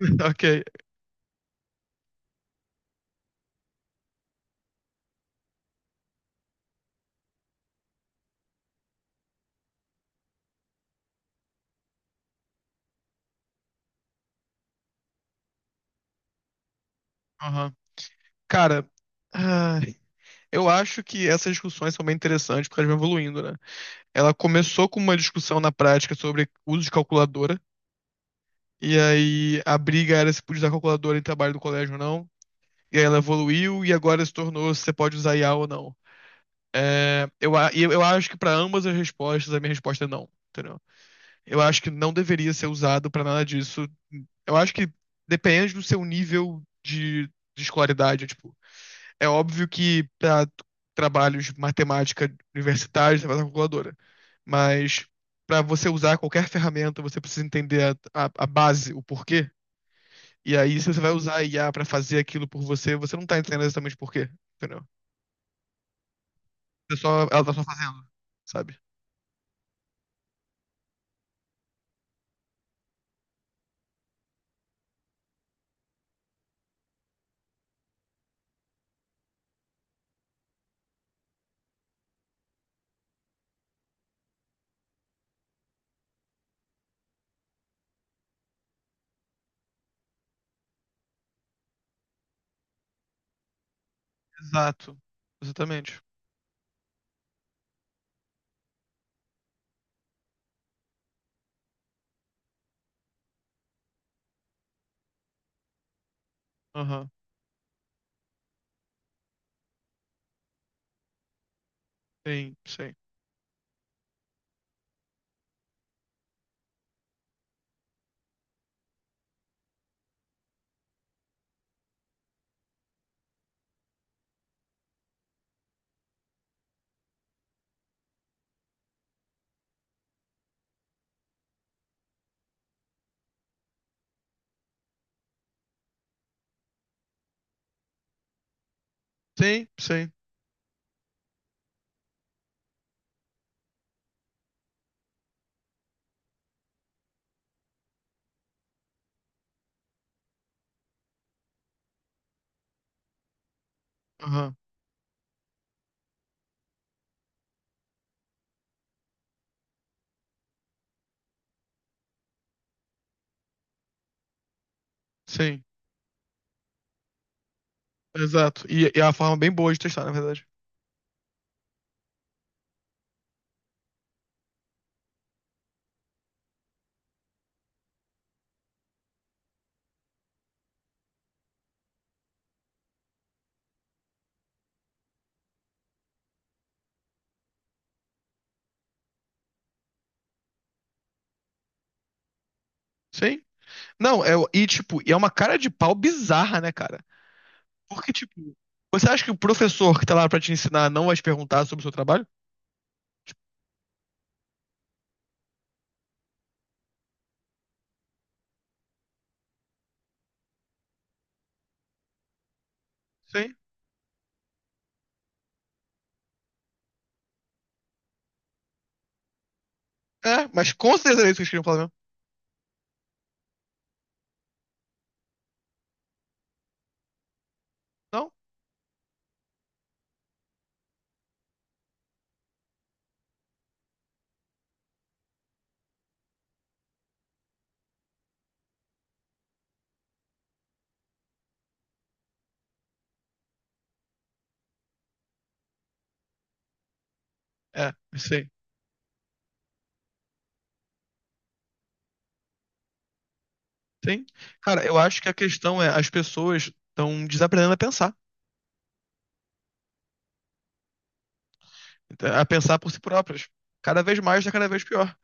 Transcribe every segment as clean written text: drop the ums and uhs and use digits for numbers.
Ok. Aham. Cara, ai, eu acho que essas discussões são bem interessantes porque elas vão evoluindo, né? Ela começou com uma discussão na prática sobre uso de calculadora, e aí a briga era se podia usar calculadora em trabalho do colégio ou não, e aí ela evoluiu e agora se tornou se você pode usar IA ou não. É, eu, a- e eu acho que para ambas as respostas, a minha resposta é não, entendeu? Eu acho que não deveria ser usado para nada disso. Eu acho que depende do seu nível de escolaridade, tipo. É óbvio que para trabalhos de matemática universitários você vai usar calculadora, mas para você usar qualquer ferramenta você precisa entender a base, o porquê. E aí se você vai usar a IA para fazer aquilo por você, você não tá entendendo exatamente por quê, entendeu? Você só, ela tá só fazendo, sabe? Exato. Exatamente. Aham. Sim, sim. Sim, sim. Aham. Sim. Exato. E é uma forma bem boa de testar, na verdade. Sim. Não, e tipo, e é uma cara de pau bizarra, né, cara? Porque, tipo, você acha que o professor que tá lá pra te ensinar não vai te perguntar sobre o seu trabalho? Tipo. Sim. É, mas com certeza é isso que eles queriam falar mesmo. Não? É, sim. Sim. Cara, eu acho que a questão é, as pessoas estão desaprendendo a pensar por si próprias. Cada vez mais, tá cada vez pior.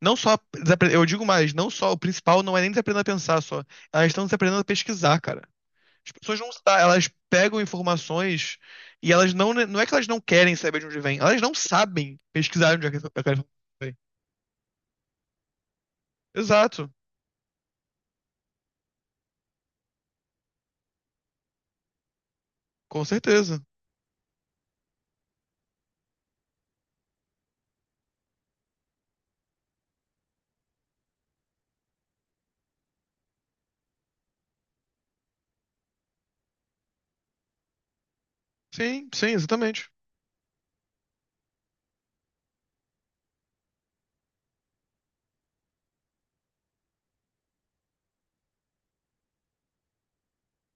Não só, eu digo mais, não só, o principal não é nem desaprendendo a pensar só. Elas estão desaprendendo a pesquisar, cara. As pessoas não, elas pegam informações e elas não, não é que elas não querem saber de onde vem, elas não sabem pesquisar onde é que aquela informação vem. Exato, com certeza. Sim, sim, exatamente.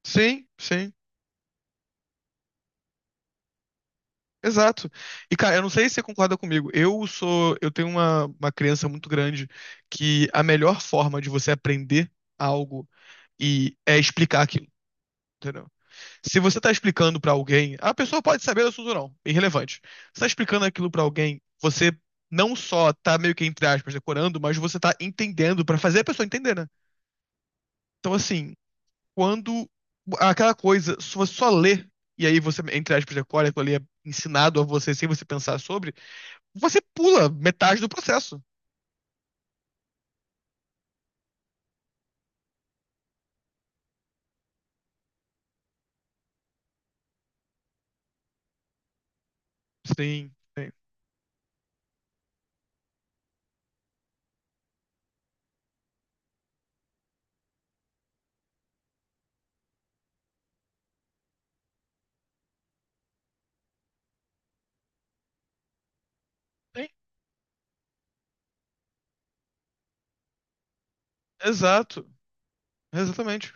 Sim, sim, exato. E cara, eu não sei se você concorda comigo. Eu tenho uma crença muito grande que a melhor forma de você aprender algo e é explicar aquilo. Entendeu? Se você tá explicando pra alguém, a pessoa pode saber do assunto ou não, é irrelevante. Você tá explicando aquilo pra alguém, você não só tá meio que, entre aspas, decorando, mas você tá entendendo pra fazer a pessoa entender, né? Então, assim, quando aquela coisa, se você só lê, e aí você, entre aspas, decora, aquilo ali é ensinado a você sem você pensar sobre, você pula metade do processo. Sim, sim. Sim, exato. Exatamente.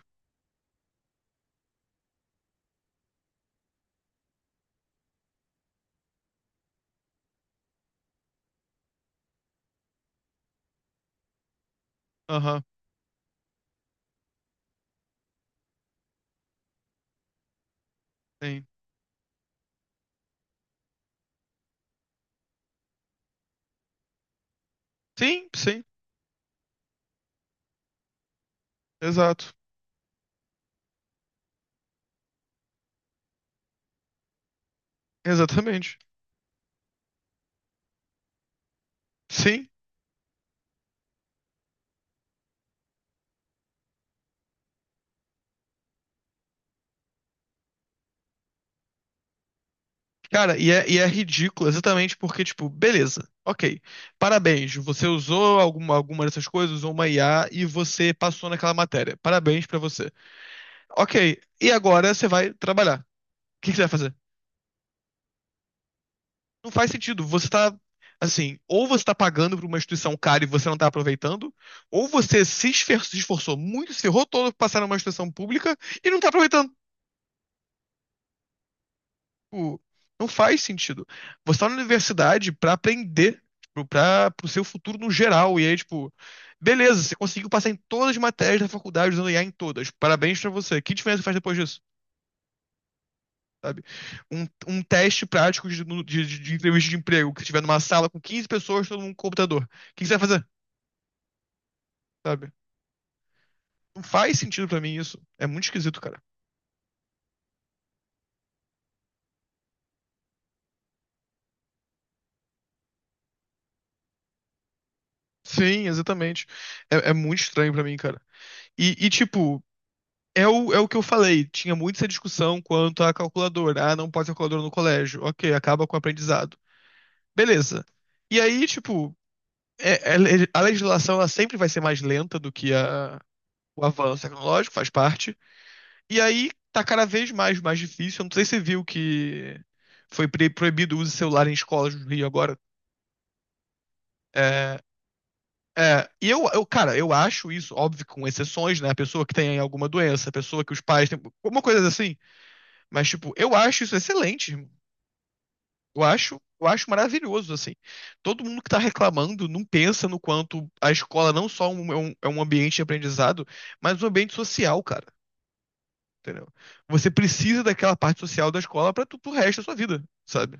Aham, sim. Sim, sim, exato. Exatamente. Sim. Cara, e é ridículo exatamente porque, tipo, beleza, ok. Parabéns, você usou alguma dessas coisas, usou uma IA e você passou naquela matéria. Parabéns pra você. Ok, e agora você vai trabalhar. O que que você vai fazer? Não faz sentido. Você tá, assim, ou você tá pagando pra uma instituição cara e você não tá aproveitando, ou você se esforçou muito, se ferrou todo pra passar numa instituição pública e não tá aproveitando. Tipo, não faz sentido. Você tá na universidade pra aprender, tipo, pra, pro seu futuro no geral. E aí, tipo, beleza, você conseguiu passar em todas as matérias da faculdade usando IA em todas. Parabéns pra você. Que diferença faz depois disso? Sabe? Um teste prático de entrevista de emprego, que você estiver numa sala com 15 pessoas, todo mundo com computador. O que que você vai fazer? Sabe? Não faz sentido pra mim isso. É muito esquisito, cara. Sim, exatamente. É muito estranho pra mim, cara. E, tipo, é o que eu falei, tinha muito essa discussão quanto à calculadora. Ah, não pode ser calculadora no colégio. Ok, acaba com o aprendizado. Beleza. E aí, tipo, a legislação ela sempre vai ser mais lenta do que o avanço tecnológico, faz parte. E aí tá cada vez mais, difícil. Eu não sei se você viu que foi proibido o uso de celular em escolas no Rio agora. É, é, e eu, cara, eu acho isso, óbvio, com exceções, né? A pessoa que tem alguma doença, a pessoa que os pais têm, alguma coisa assim. Mas, tipo, eu acho isso excelente. Eu acho maravilhoso, assim. Todo mundo que está reclamando não pensa no quanto a escola não só é um ambiente de aprendizado, mas um ambiente social, cara. Entendeu? Você precisa daquela parte social da escola para tudo o resto da sua vida, sabe?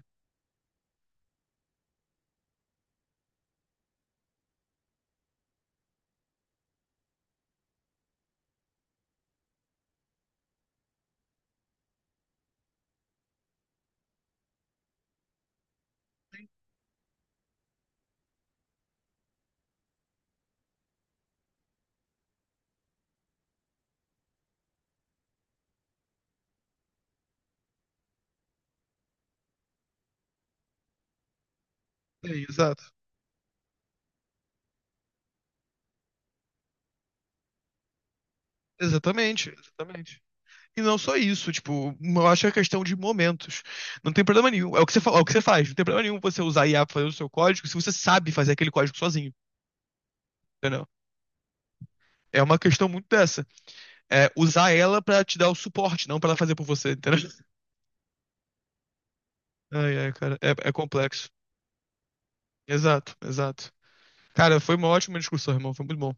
É, exato. Exatamente, exatamente. E não só isso, tipo, eu acho que é questão de momentos. Não tem problema nenhum. É o que você, fa- é o que você faz. Não tem problema nenhum você usar IA pra fazer o seu código se você sabe fazer aquele código sozinho, entendeu? É uma questão muito dessa. Usar ela pra te dar o suporte, não pra ela fazer por você, entendeu? Ai, ai, cara, é complexo. Exato, exato. Cara, foi uma ótima discussão, irmão, foi muito bom.